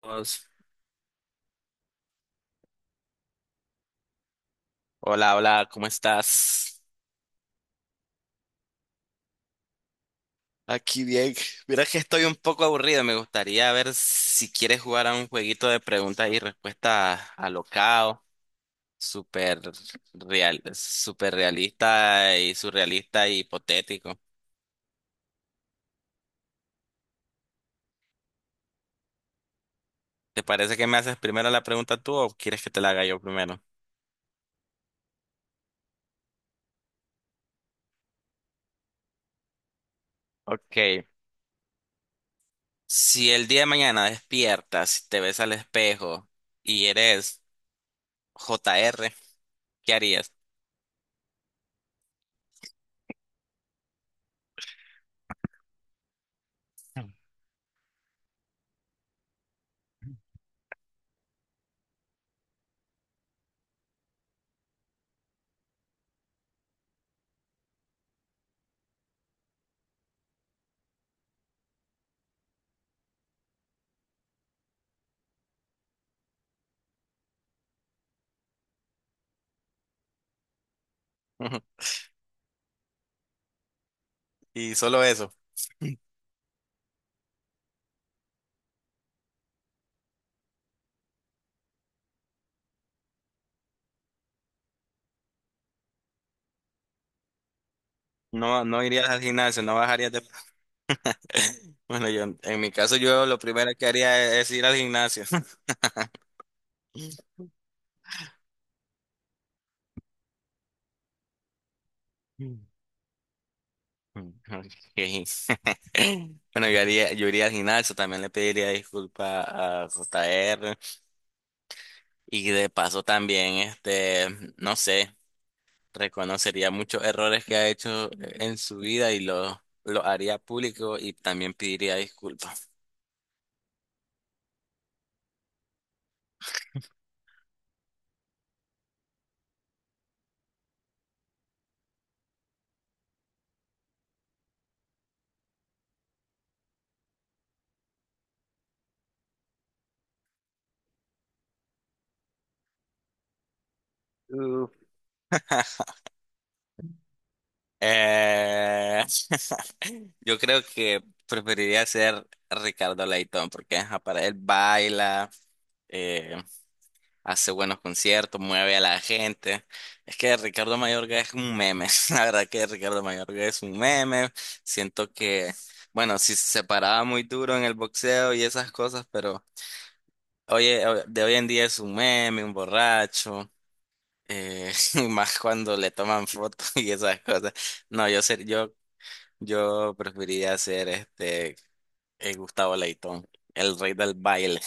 Pues, hola, hola, ¿cómo estás? Aquí bien. Mira que estoy un poco aburrido. Me gustaría ver si quieres jugar a un jueguito de preguntas y respuestas alocado, súper súper realista y surrealista y hipotético. ¿Te parece que me haces primero la pregunta tú o quieres que te la haga yo primero? Ok. Si el día de mañana despiertas y te ves al espejo y eres JR, ¿qué harías? Y solo eso. No, no irías al gimnasio, no bajarías de. Bueno, yo, en mi caso, yo lo primero que haría es ir al gimnasio. Ok. Bueno, yo iría al gimnasio, también le pediría disculpas a JR y de paso también, este, no sé, reconocería muchos errores que ha hecho en su vida y los lo haría público y también pediría disculpas. Eh, yo creo que preferiría ser Ricardo Leitón porque ajá, para él baila, eh, hace buenos conciertos, mueve a la gente. Es que Ricardo Mayorga es un meme. La verdad que Ricardo Mayorga es un meme. Siento que, bueno, sí se paraba muy duro en el boxeo y esas cosas, pero oye, de hoy en día es un meme, un borracho. Y más cuando le toman fotos y esas cosas. No, yo preferiría ser este, Gustavo Leitón, el rey del baile.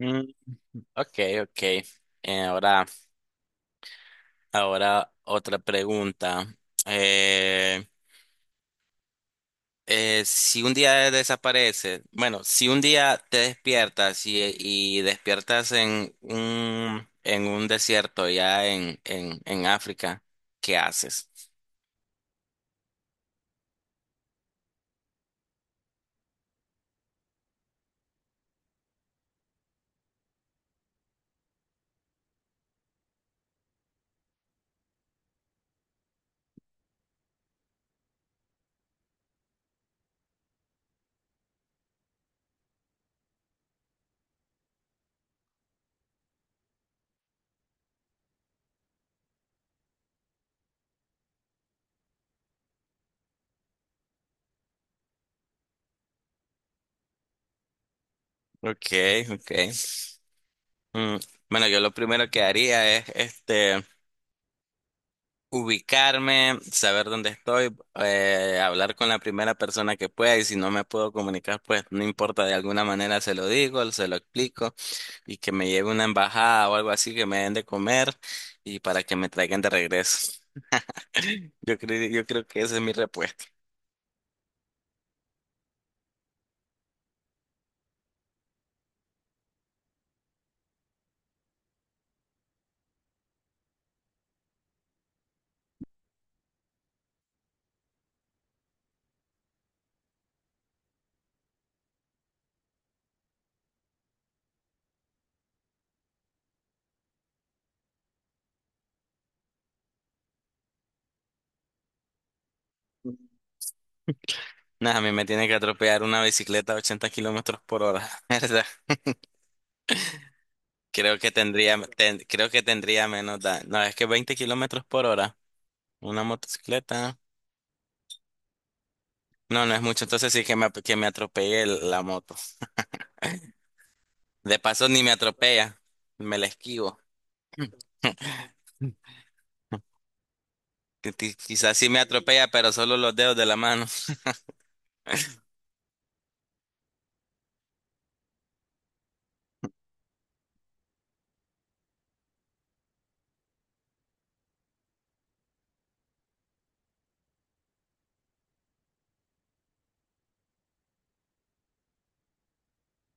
Mm, ok, ok. Eh, ahora, ahora otra pregunta. Eh, si un día desapareces, Bueno, si un día te despiertas y despiertas en un desierto ya en África, ¿qué haces? Ok, ok. Mm, bueno, yo lo primero que haría es este. Ubicarme, saber dónde estoy, hablar con la primera persona que pueda y si no me puedo comunicar, pues no importa, de alguna manera se lo digo, se lo explico y que me lleve una embajada o algo así que me den de comer y para que me traigan de regreso. Yo creo que esa es mi respuesta. Nada, a mí me tiene que atropellar una bicicleta a 80 kilómetros por hora, ¿verdad? Creo que tendría menos daño. No, es que 20 kilómetros por hora, una motocicleta. No, no es mucho. Entonces sí que me atropelle la moto. De paso ni me atropella, me la esquivo. Quizás sí me atropella, pero solo los dedos de la mano.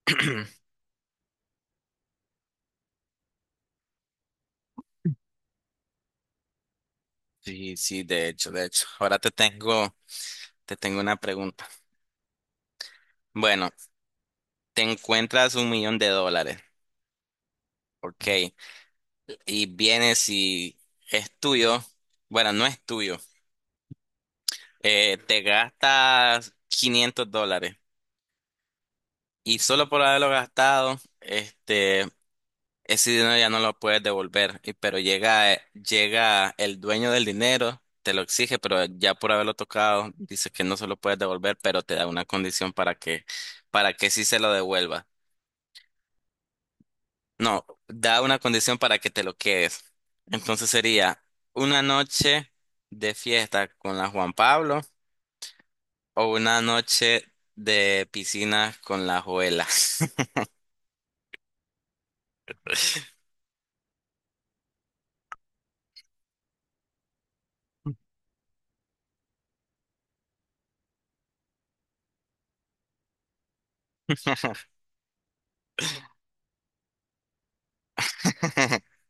Sí, sí, de hecho, de hecho. Ahora te tengo una pregunta. Bueno, te encuentras 1 millón de dólares, ok, y vienes y es tuyo, bueno, no es tuyo, te gastas 500 dólares y solo por haberlo gastado, este, ese dinero ya no lo puedes devolver, pero llega, llega el dueño del dinero, te lo exige, pero ya por haberlo tocado, dice que no se lo puedes devolver, pero te da una condición para que sí se lo devuelva. No, da una condición para que te lo quedes. Entonces sería una noche de fiesta con la Juan Pablo o una noche de piscina con la Joela.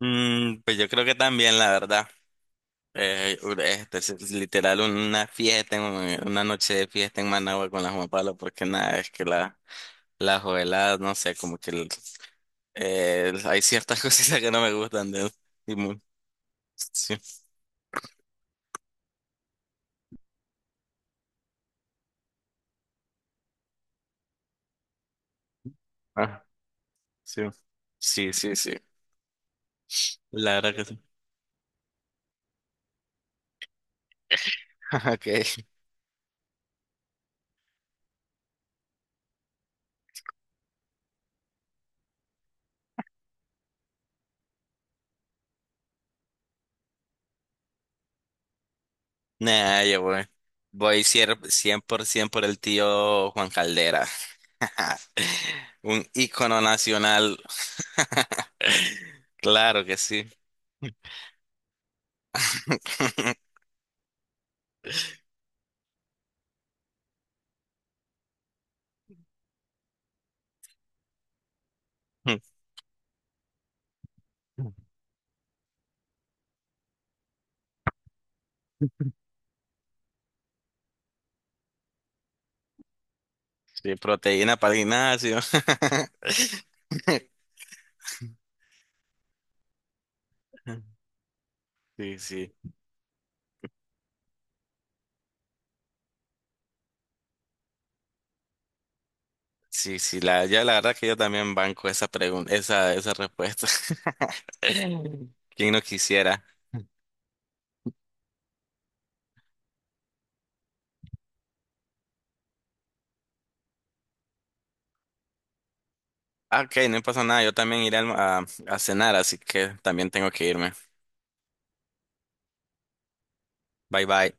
Pues yo creo que también, la verdad. Este, es literal una fiesta, una noche de fiesta en Managua con la Juan Pablo, porque nada, es que la jovelada, no sé, como que hay ciertas cositas que no me gustan de él. Y mu- sí, ah, sí, sí, sí, sí, la verdad que sí. Okay. Nah, yo voy. 100% por ciento por el tío Juan Caldera. Un ícono nacional. Claro que sí. Sí, proteína para el gimnasio. Sí, sí. Sí, sí, ya la verdad que yo también banco esa pregunta, esa respuesta. ¿Quién no quisiera? Ah, ok, no pasa nada, yo también iré a cenar, así que también tengo que irme. Bye bye.